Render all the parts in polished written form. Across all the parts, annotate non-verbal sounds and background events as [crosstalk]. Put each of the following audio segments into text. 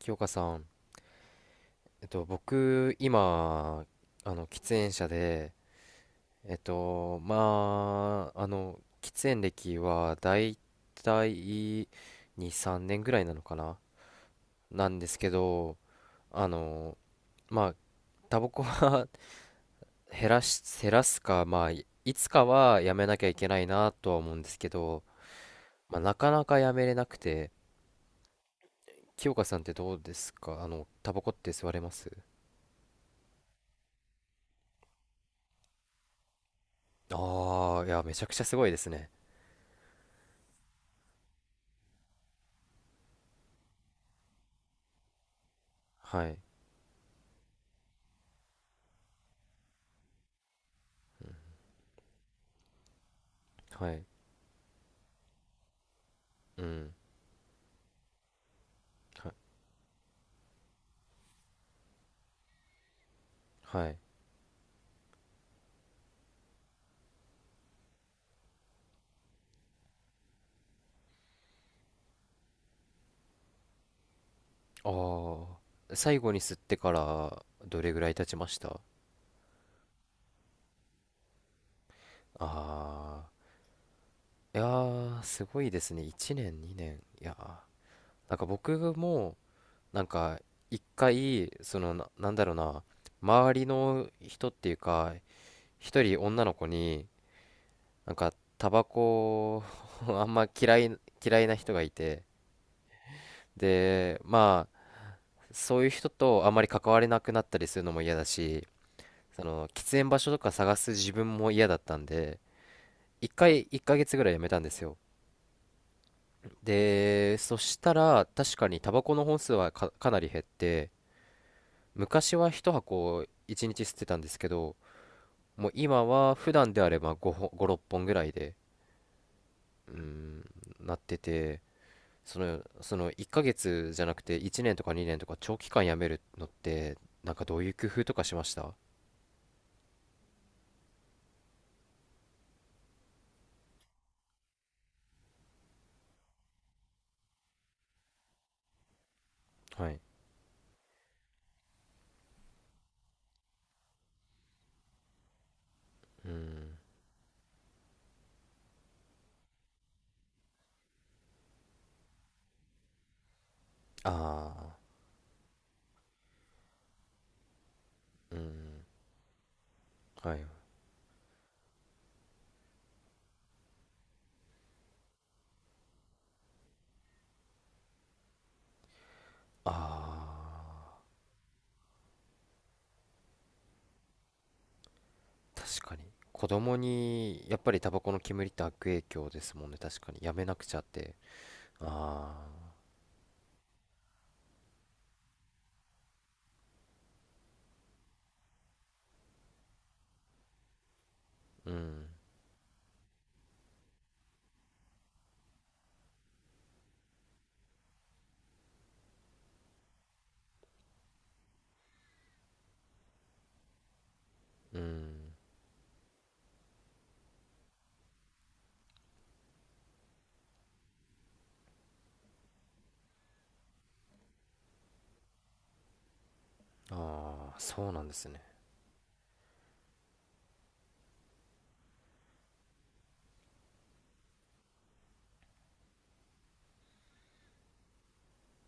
清香さん、僕、今、喫煙者で、まあ、喫煙歴はだいたい2、3年ぐらいなのかななんですけど、あの、まあ、タバコは [laughs] 減らすか、まあ、いいつかはやめなきゃいけないなとは思うんですけど、まあ、なかなかやめれなくて。清香さんってどうですか？タバコって吸われます？ああー、いや、めちゃくちゃすごいですね。はい。はい。うん。は、はい。ああ。最後に吸ってからどれぐらい経ちました？ああ。いやー、すごいですね。1年、2年。いやー。なんか僕も、なんか、一回、そのな、なんだろうな、周りの人っていうか、一人女の子に、なんか、タバコを [laughs] あんま嫌い、嫌いな人がいて、で、まあ、そういう人とあんまり関われなくなったりするのも嫌だし、その喫煙場所とか探す自分も嫌だったんで、一回1ヶ月ぐらいやめたんですよ。でそしたら確かにタバコの本数はかなり減って、昔は1箱1日吸ってたんですけど、もう今は普段であれば5、6本ぐらいでうーんなってて。その1ヶ月じゃなくて1年とか2年とか長期間やめるのって、なんかどういう工夫とかしました？はい。ああー、うん。はい。ああー。確かに、子供にやっぱりタバコの煙って悪影響ですもんね。確かにやめなくちゃって。ああー、うん、うん。ああー、そうなんですね。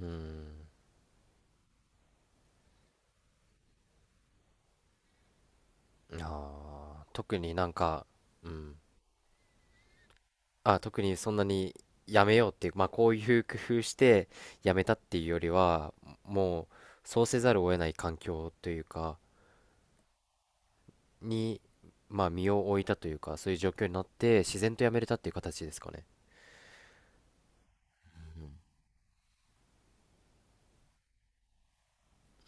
うん。ああー、特になんか。うん。あ、特にそんなにやめようっていう、まあ、こういう工夫してやめたっていうよりは、もう、そうせざるを得ない環境というか、にまあ身を置いたというか、そういう状況になって自然とやめれたっていう形ですかね？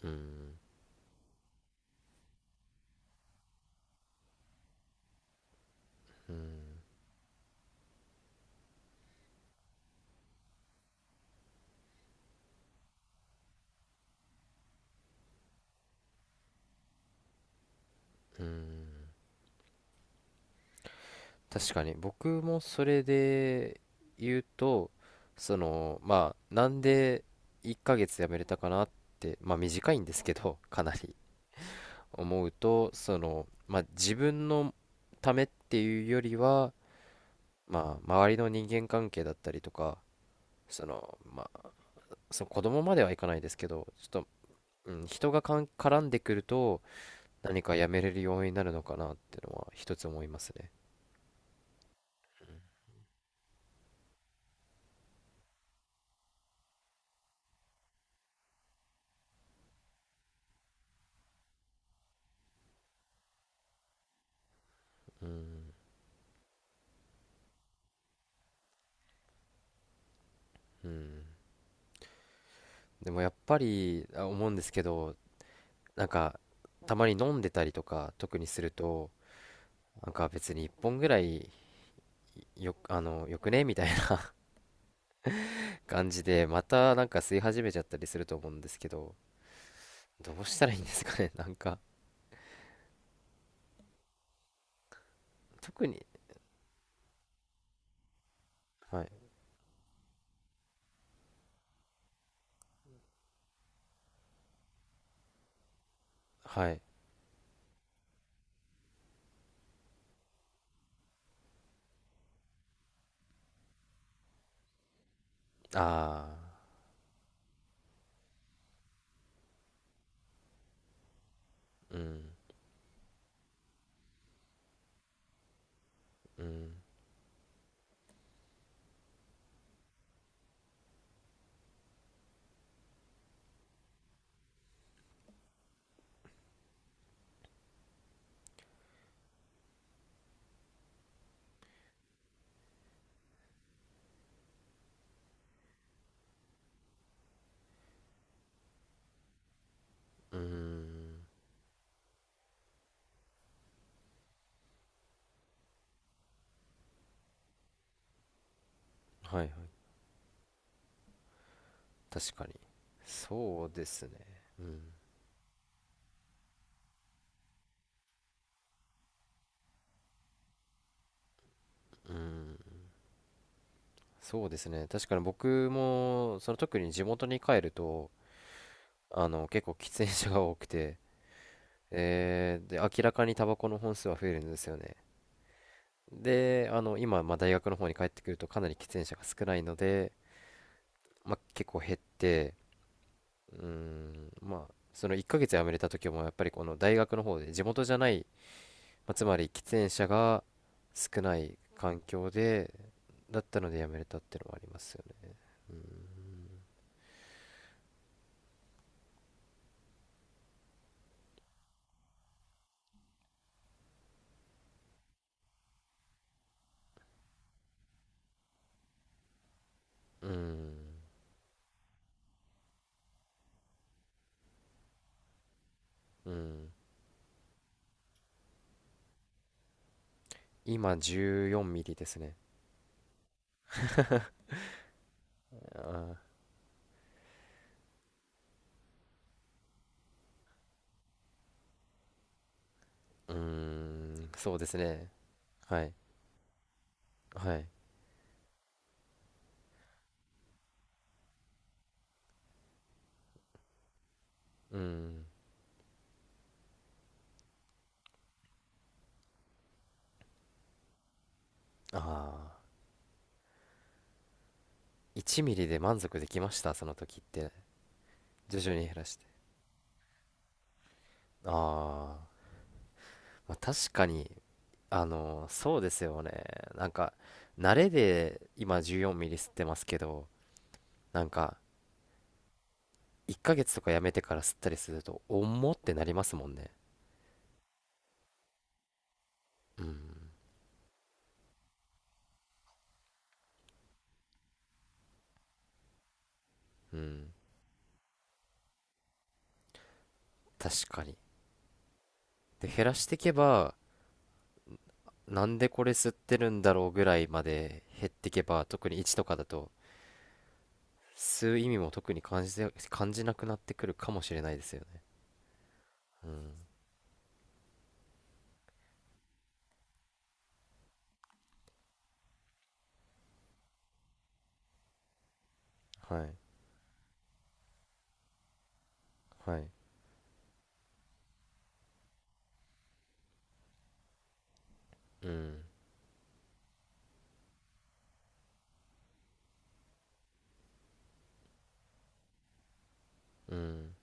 うん、うん。確かに僕もそれで言うと、その、まあ、なんで1ヶ月辞めれたかなって、まあ短いんですけど、 [laughs] かなり思うと、その、まあ、自分のためっていうよりは、まあ周りの人間関係だったりとか、その、まあ、その子供まではいかないですけどちょっと、うん、人が絡んでくると、何か辞めれる要因になるのかなっていうのは一つ思いますね。うん、うん。でもやっぱり思うんですけど、なんか、たまに飲んでたりとか特にすると、なんか別に1本ぐらい、よ、あのよくねみたいな [laughs] 感じでまたなんか吸い始めちゃったりすると思うんですけど、どうしたらいいんですかね？ [laughs] なんか。特に。はい。はい。ああー、うん。うん。うーん。はい。はい。確かに、そうですね。うん。うん。そうですね。確かに僕もその、特に地元に帰ると、結構喫煙者が多くて、[laughs] で、明らかにタバコの本数は増えるんですよね。で、今、まあ、大学の方に帰ってくるとかなり喫煙者が少ないので、まあ、結構減って、まあ、その1ヶ月辞めれた時もやっぱりこの大学の方で地元じゃない、まあ、つまり喫煙者が少ない環境で、だったので辞めれたってのはありますよね。うーん、うん。今14ミリですね。うーん、そうですね。はい、はい。うん。ああ、1ミリで満足できました、その時って？徐々に減らして。ああ。まあ、確かに、そうですよね。なんか、慣れで今14ミリ吸ってますけど、なんか、1ヶ月とかやめてから吸ったりすると、重ってなりますもんね。うん、うん、確かに。で、減らしていけば、なんでこれ吸ってるんだろうぐらいまで減っていけば、特に1とかだと、吸う意味も特に感じなくなってくるかもしれないですよね。うん。はいはい。うん。うん。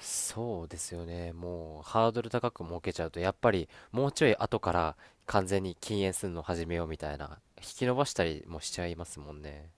そうですよね、もうハードル高く設けちゃうとやっぱりもうちょい後から完全に禁煙するの始めようみたいな引き延ばしたりもしちゃいますもんね。